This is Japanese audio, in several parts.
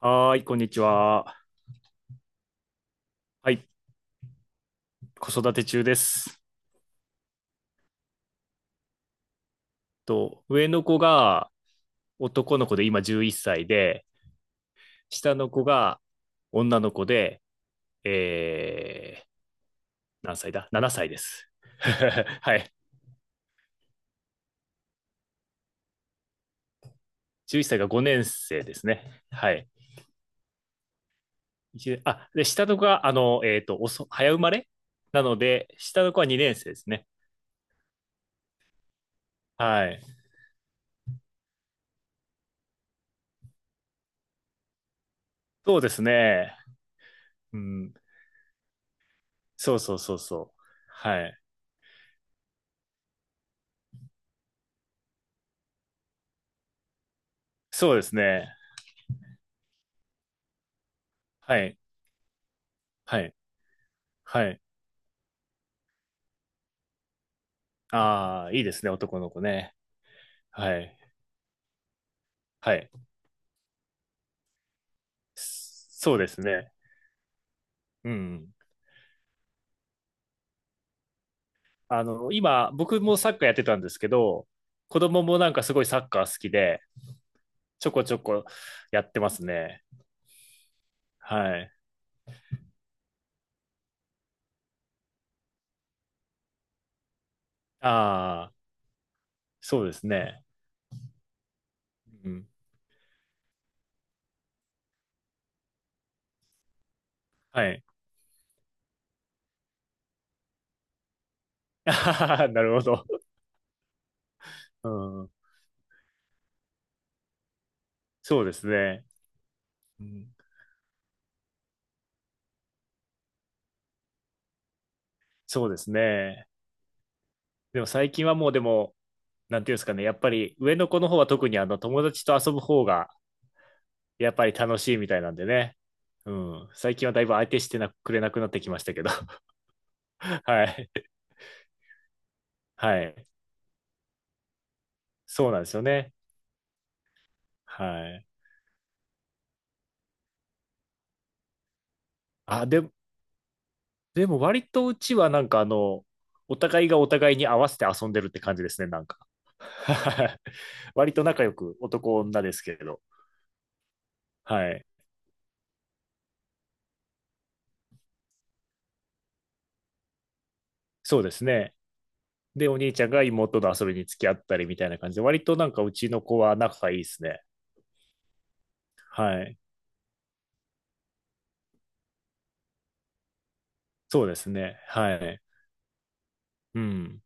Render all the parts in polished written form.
はーい、こんにちは。はい、子育て中です。と、上の子が男の子で今11歳で、下の子が女の子で、えー、何歳だ？ 7 歳です。はい。11歳が5年生ですね。はい。一年あ、で、下の子が、遅早生まれなので、下の子は2年生ですね。はい。そうですね。うん。そうそうそうそう。はい。そうですね。はい。はい。はい。ああ、いいですね、男の子ね。はい。はい。そうですね。うん。今、僕もサッカーやってたんですけど、子供もなんかすごいサッカー好きで、ちょこちょこやってますね。はい。ああ、そうですね。うん。はい。ああ、なるほど。うん。そうですね。うん。そうですね。でも最近はもうでも、なんていうんですかね、やっぱり上の子の方は特にあの友達と遊ぶ方がやっぱり楽しいみたいなんでね。うん。最近はだいぶ相手してなくれなくなってきましたけど。はい。はい。そうなんですよね。はい。あ、で、でも割とうちはなんかあの、お互いがお互いに合わせて遊んでるって感じですね、なんか。はい。割と仲良く男女ですけれど。はい。そうですね。で、お兄ちゃんが妹と遊びに付き合ったりみたいな感じで、割となんかうちの子は仲がいいですね。はい。そうですね。はい。うん。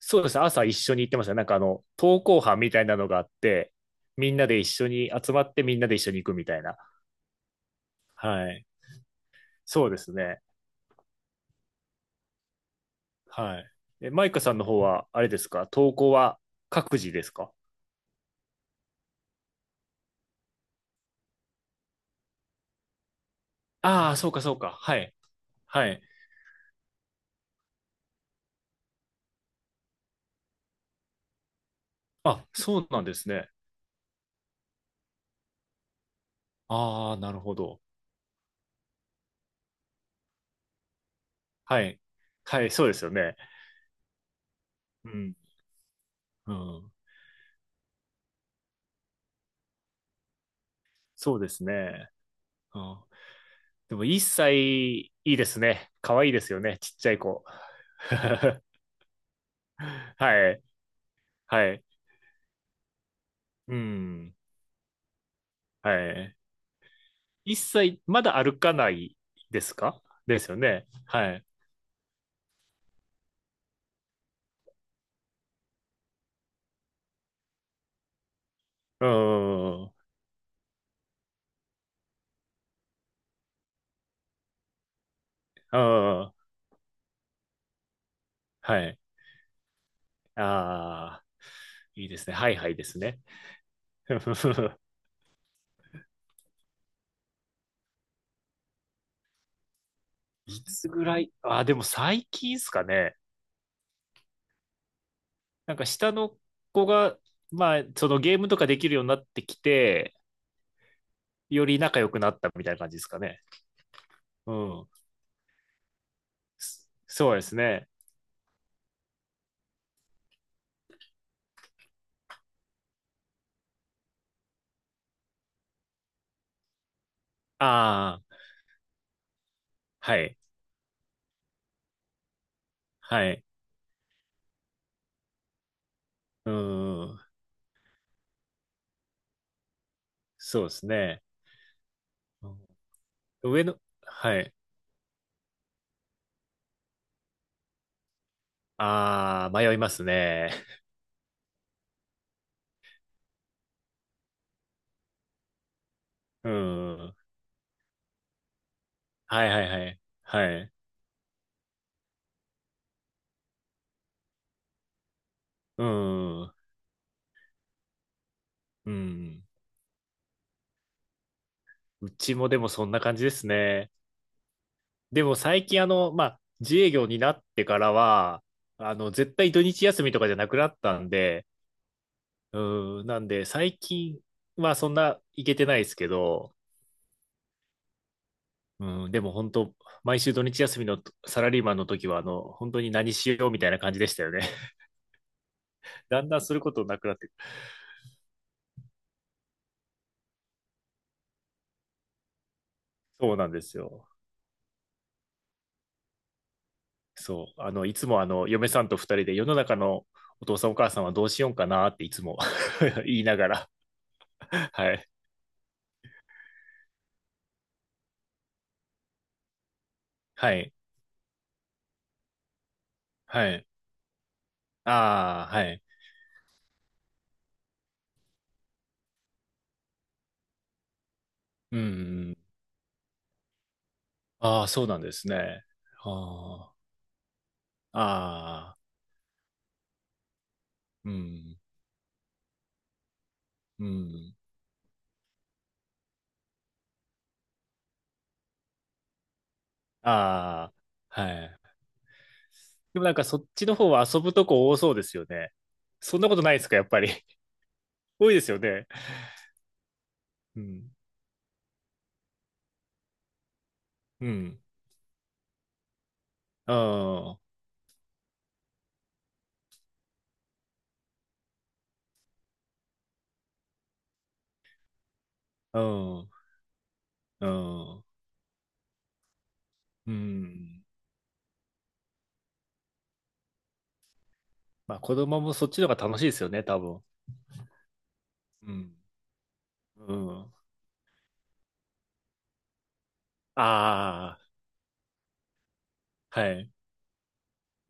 そうですね、朝一緒に行ってましたね。なんか登校班みたいなのがあって、みんなで一緒に集まってみんなで一緒に行くみたいな。はい。そうですね。はい。え、マイカさんの方は、あれですか登校は各自ですか？ああー、そうかそうか。はい。はい。あ、そうなんですね。ああ、なるほど。はい。はい、そうですよね。うん。うん。そうですね。うん。でも、一歳いいですね。可愛いですよね。ちっちゃい子。はい。はい。うん。はい。一切まだ歩かないですかですよね。はい。うーん。うーん。はい。ああ、いいですね。はいはいですね。いつぐらい、ああ、でも最近ですかね。なんか下の子が、まあ、そのゲームとかできるようになってきて、より仲良くなったみたいな感じですかね。うん。そうですね。ああ、はい。はい。うん。そうですね。うん上の、はい。ああ、迷いますね。うん。はいはいはい。はい。うん。うん。うちもでもそんな感じですね。でも最近まあ、自営業になってからは、絶対土日休みとかじゃなくなったんで、うん。なんで最近はそんな行けてないですけど、うん。でも本当、毎週土日休みのサラリーマンの時は、本当に何しようみたいな感じでしたよね。だんだんすることなくなってくる。そうなんですよ。そう、いつも嫁さんと二人で世の中のお父さんお母さんはどうしようかなっていつも 言いながら はい、はい、はい、ああ、はい、うん、ああ、そうなんですね。ああ、ああ、うん、うん、ああ、はい。でもなんかそっちの方は遊ぶとこ多そうですよね。そんなことないですか、やっぱり。多いですよね。うん、うん、うん、うん、うん、うん。まあ子供もそっちの方が楽しいですよね、多分。うん。うん。ああ、はい。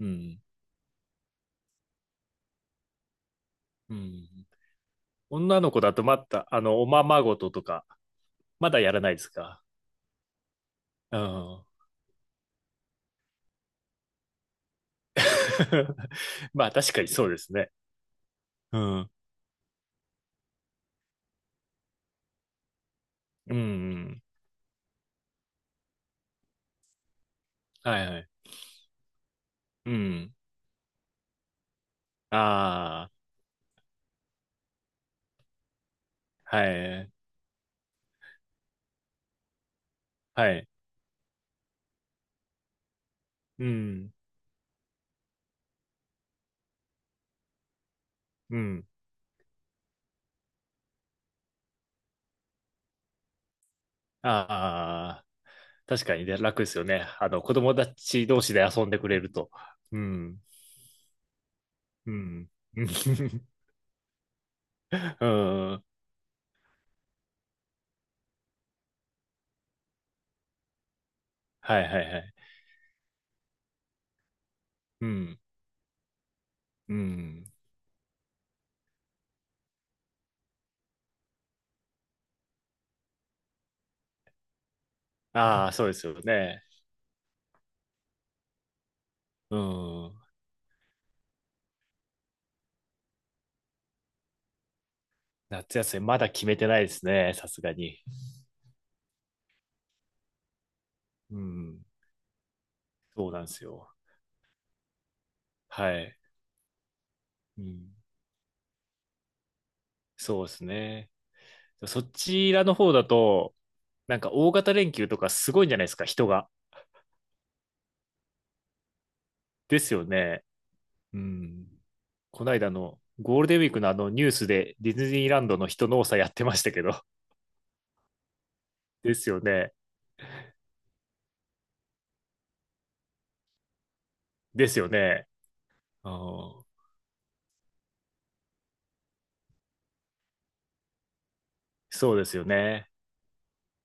うん。うん。女の子だとまた、おままごととか、まだやらないですか？うん。まあ確かにそうですね。うん。うん。はいはい。うん。ああ、はい。はい。うん。うん。ああ、確かにね、楽ですよね。子供たち同士で遊んでくれると。うん。うん。うん。はいはいはい。うん。うん。ああ、そうですよね。うん。夏休みまだ決めてないですね。さすがに。うん。そうなんですよ。はい。うん。そうですね。そちらの方だと、なんか大型連休とかすごいんじゃないですか、人が？ですよね。うん。この間のゴールデンウィークのあのニュースでディズニーランドの人の多さやってましたけど。ですよね。ですよね。うん。そうですよね。